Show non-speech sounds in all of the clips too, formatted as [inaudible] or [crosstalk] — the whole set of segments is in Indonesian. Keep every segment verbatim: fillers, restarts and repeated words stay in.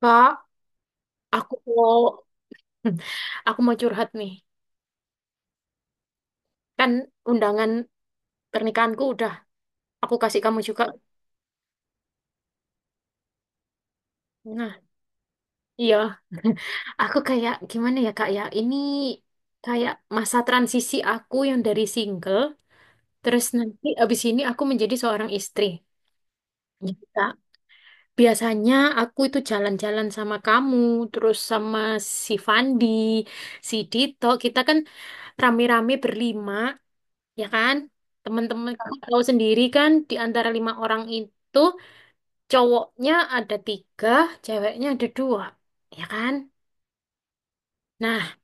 Kak, aku mau [clears throat] [laughs] aku mau curhat nih. Kan undangan pernikahanku udah aku kasih kamu juga. Nah, iya. [laughs] Aku kayak gimana ya, Kak ya? Ini kayak masa transisi aku yang dari single terus nanti abis ini aku menjadi seorang istri. Gitu, Kak. Biasanya aku itu jalan-jalan sama kamu, terus sama si Fandi, si Dito. Kita kan rame-rame berlima, ya kan? Teman-teman kamu tahu sendiri kan di antara lima orang itu cowoknya ada tiga, ceweknya ada dua, ya kan? Nah,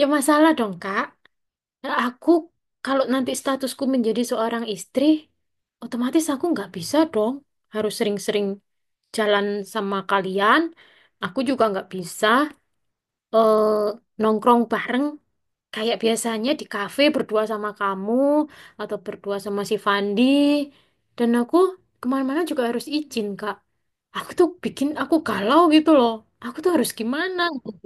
ya masalah dong, Kak. Nah, aku kalau nanti statusku menjadi seorang istri, otomatis aku nggak bisa dong. Harus sering-sering jalan sama kalian. Aku juga nggak bisa, eh, nongkrong bareng kayak biasanya di kafe berdua sama kamu atau berdua sama si Fandi. Dan aku kemana-mana juga harus izin, Kak. Aku tuh bikin aku galau gitu loh. Aku tuh harus gimana, gitu.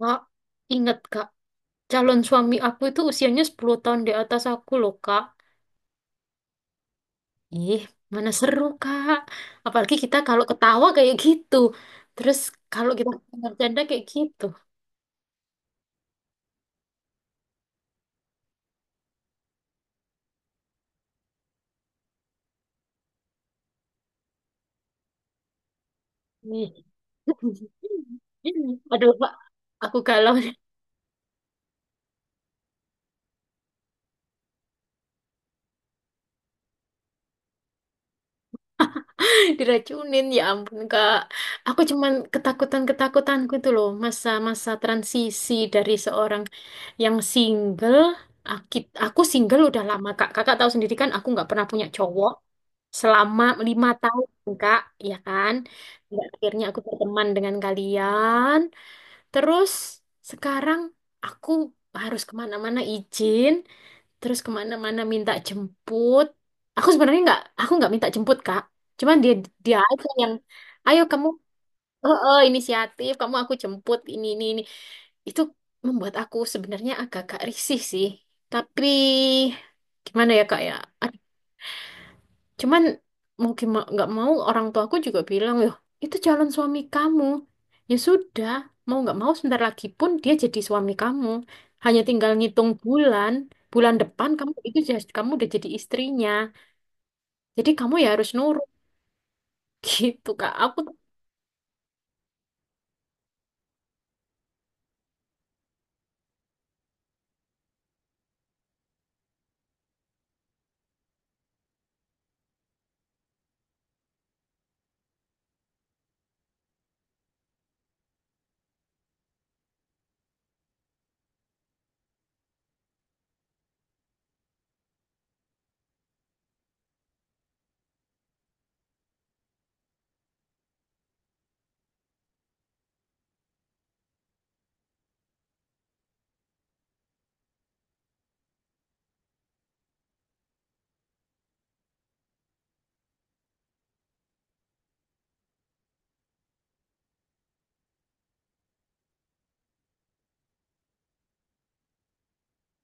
Kak, ingat Kak, calon suami aku itu usianya sepuluh tahun di atas aku loh, Kak. Ih, mana seru, Kak. Apalagi kita kalau ketawa kayak gitu. Terus kalau kita bercanda kayak gitu. Ih. [laughs] Aduh, Pak. Aku galau. [laughs] Diracunin ya ampun, Kak. Aku cuman ketakutan-ketakutanku itu loh, masa-masa transisi dari seorang yang single. Aki- Aku single udah lama, Kak. Kakak tahu sendiri kan aku nggak pernah punya cowok selama lima tahun, Kak, ya kan? Nggak, akhirnya aku berteman dengan kalian. Terus sekarang aku harus kemana-mana izin, terus kemana-mana minta jemput. Aku sebenarnya nggak, aku nggak minta jemput, Kak. Cuman dia dia aja yang, ayo kamu, eh eh, inisiatif, kamu aku jemput ini ini ini. Itu membuat aku sebenarnya agak-agak risih sih. Tapi gimana ya Kak ya? Cuman mungkin ma- nggak mau orang tuaku juga bilang, loh, itu calon suami kamu. Ya sudah, mau nggak mau sebentar lagi pun dia jadi suami kamu. Hanya tinggal ngitung bulan, bulan depan kamu itu jas- kamu udah jadi istrinya. Jadi kamu ya harus nurut [laughs] gitu, Kak. Aku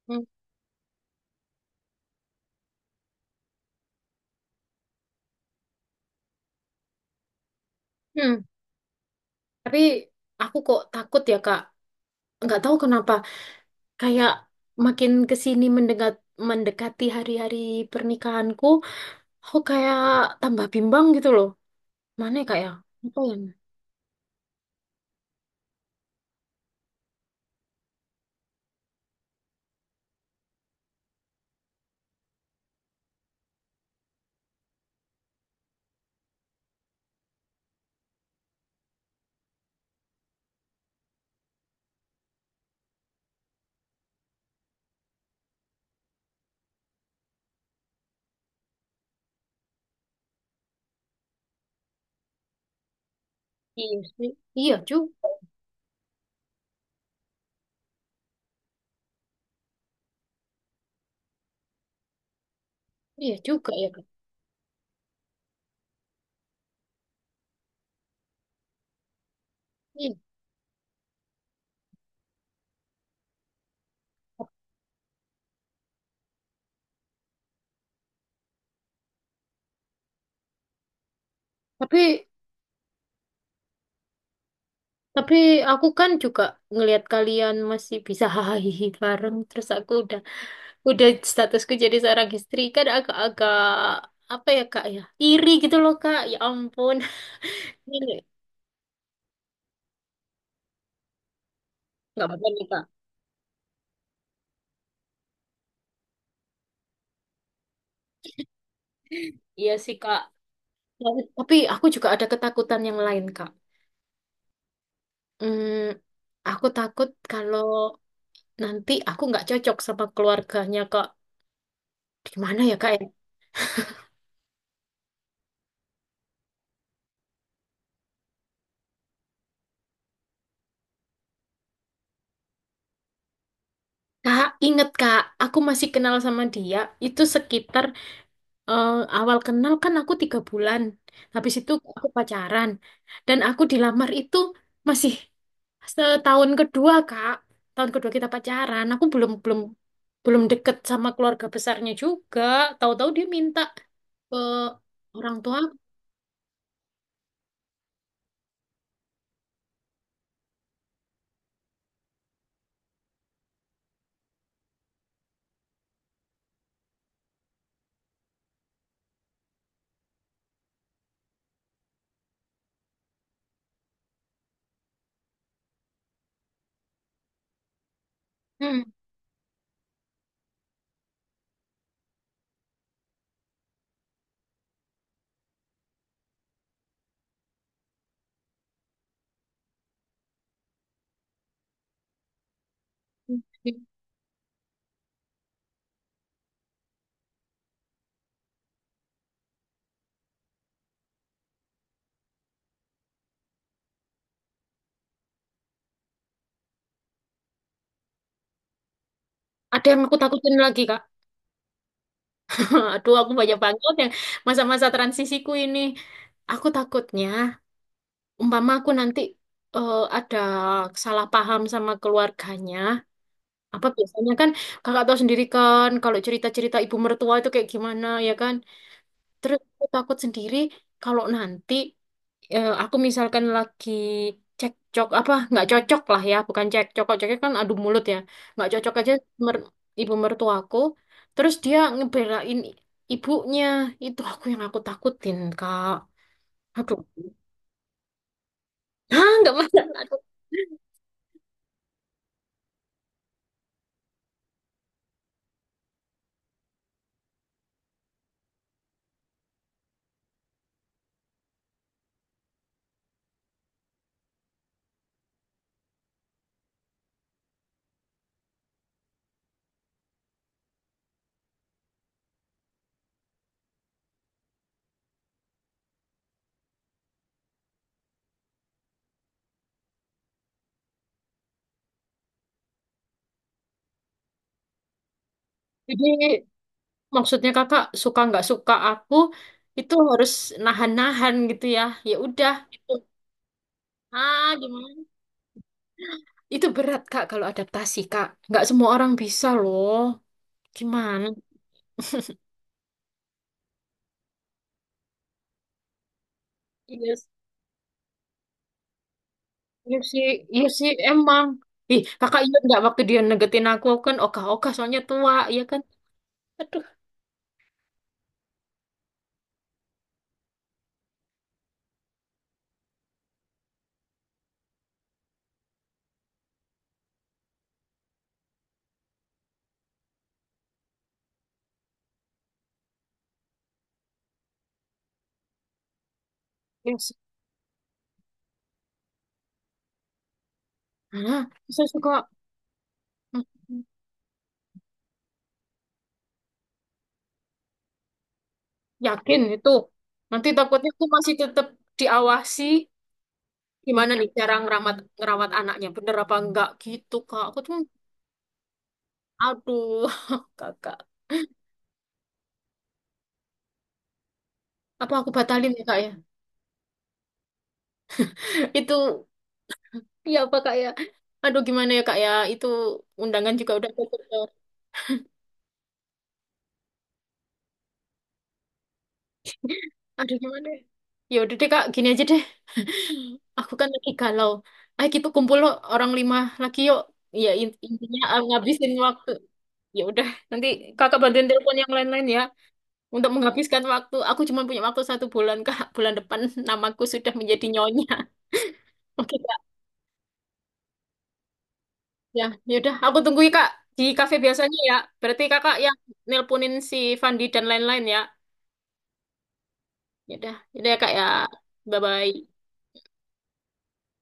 Hmm. hmm, tapi aku kok takut ya, Kak. Nggak tahu kenapa. Kayak makin kesini sini mendekat mendekati hari-hari pernikahanku, aku kayak tambah bimbang gitu loh. Mana ya, Kak ya? Apa ya? Iya sih. Iya juga. Iya juga ya, Kak. Iya. Tapi tapi aku kan juga ngelihat kalian masih bisa hahaha bareng, terus aku udah udah statusku jadi seorang istri kan agak-agak apa ya Kak ya? Iri gitu loh, Kak. Ya ampun. [laughs] Ini nggak apa-apa nih, Kak. Iya sih, Kak. Ya, tapi aku juga ada ketakutan yang lain, Kak. Hmm, aku takut kalau nanti aku nggak cocok sama keluarganya, Kak. Gimana ya, Kak ya? Kak, inget Kak, aku masih kenal sama dia. Itu sekitar, eh, awal kenal kan aku tiga bulan. Habis itu aku pacaran. Dan aku dilamar itu masih setahun kedua, Kak. Tahun kedua kita pacaran. Aku belum belum belum deket sama keluarga besarnya juga. Tahu-tahu dia minta ke orang tua. Hmm. Ada yang aku takutin lagi, Kak. [laughs] Aduh, aku banyak banget yang masa-masa transisiku ini. Aku takutnya umpama aku nanti, eh, ada salah paham sama keluarganya, apa biasanya kan kakak tahu sendiri kan kalau cerita-cerita ibu mertua itu kayak gimana ya kan. Terus aku takut sendiri kalau nanti, eh, aku misalkan lagi cekcok apa nggak cocok lah ya, bukan cekcok, kalau cekcok kan adu mulut ya, nggak cocok aja mer- ibu mertuaku. Terus dia ngebelain ibunya, itu aku yang aku takutin, kak. Aduh, ah nggak masalah. Jadi maksudnya kakak suka nggak suka aku itu harus nahan-nahan gitu ya. Ya udah gitu. Ah, gimana? Itu berat Kak kalau adaptasi, Kak. Nggak semua orang bisa loh. Gimana? Iya, s- iya sih, iya sih emang. Ih, kakak ingat nggak waktu dia negetin aku, aku kan ogah-ogah soalnya tua, ya kan? Aduh, iya sih. Nah, saya suka mm, yakin itu. Nanti takutnya aku masih tetap diawasi. Gimana nih cara ngerawat ngerawat anaknya? Bener apa enggak gitu, Kak? Aku tuh aduh, [laughs] Kakak. Apa aku batalin ya, Kak ya? [laughs] Itu ya apa, Kak ya? Aduh, gimana ya, Kak ya? Itu undangan juga udah bocor. Aduh, gimana ya? Ya udah deh, Kak, gini aja deh. Aku kan lagi galau. Ayo kita kumpul loh, orang lima lagi yuk. Ya in- intinya, ah, ngabisin waktu. Ya udah, nanti Kakak bantuin telepon yang lain-lain ya. Untuk menghabiskan waktu, aku cuma punya waktu satu bulan, Kak. Bulan depan [laughs] namaku sudah menjadi nyonya. Oke, Kak. Ya, yaudah. Aku tunggu ya, Kak. Di kafe biasanya ya. Berarti kakak yang nelponin si Fandi dan lain-lain ya. Yaudah, yaudah ya, Kak ya. Bye-bye.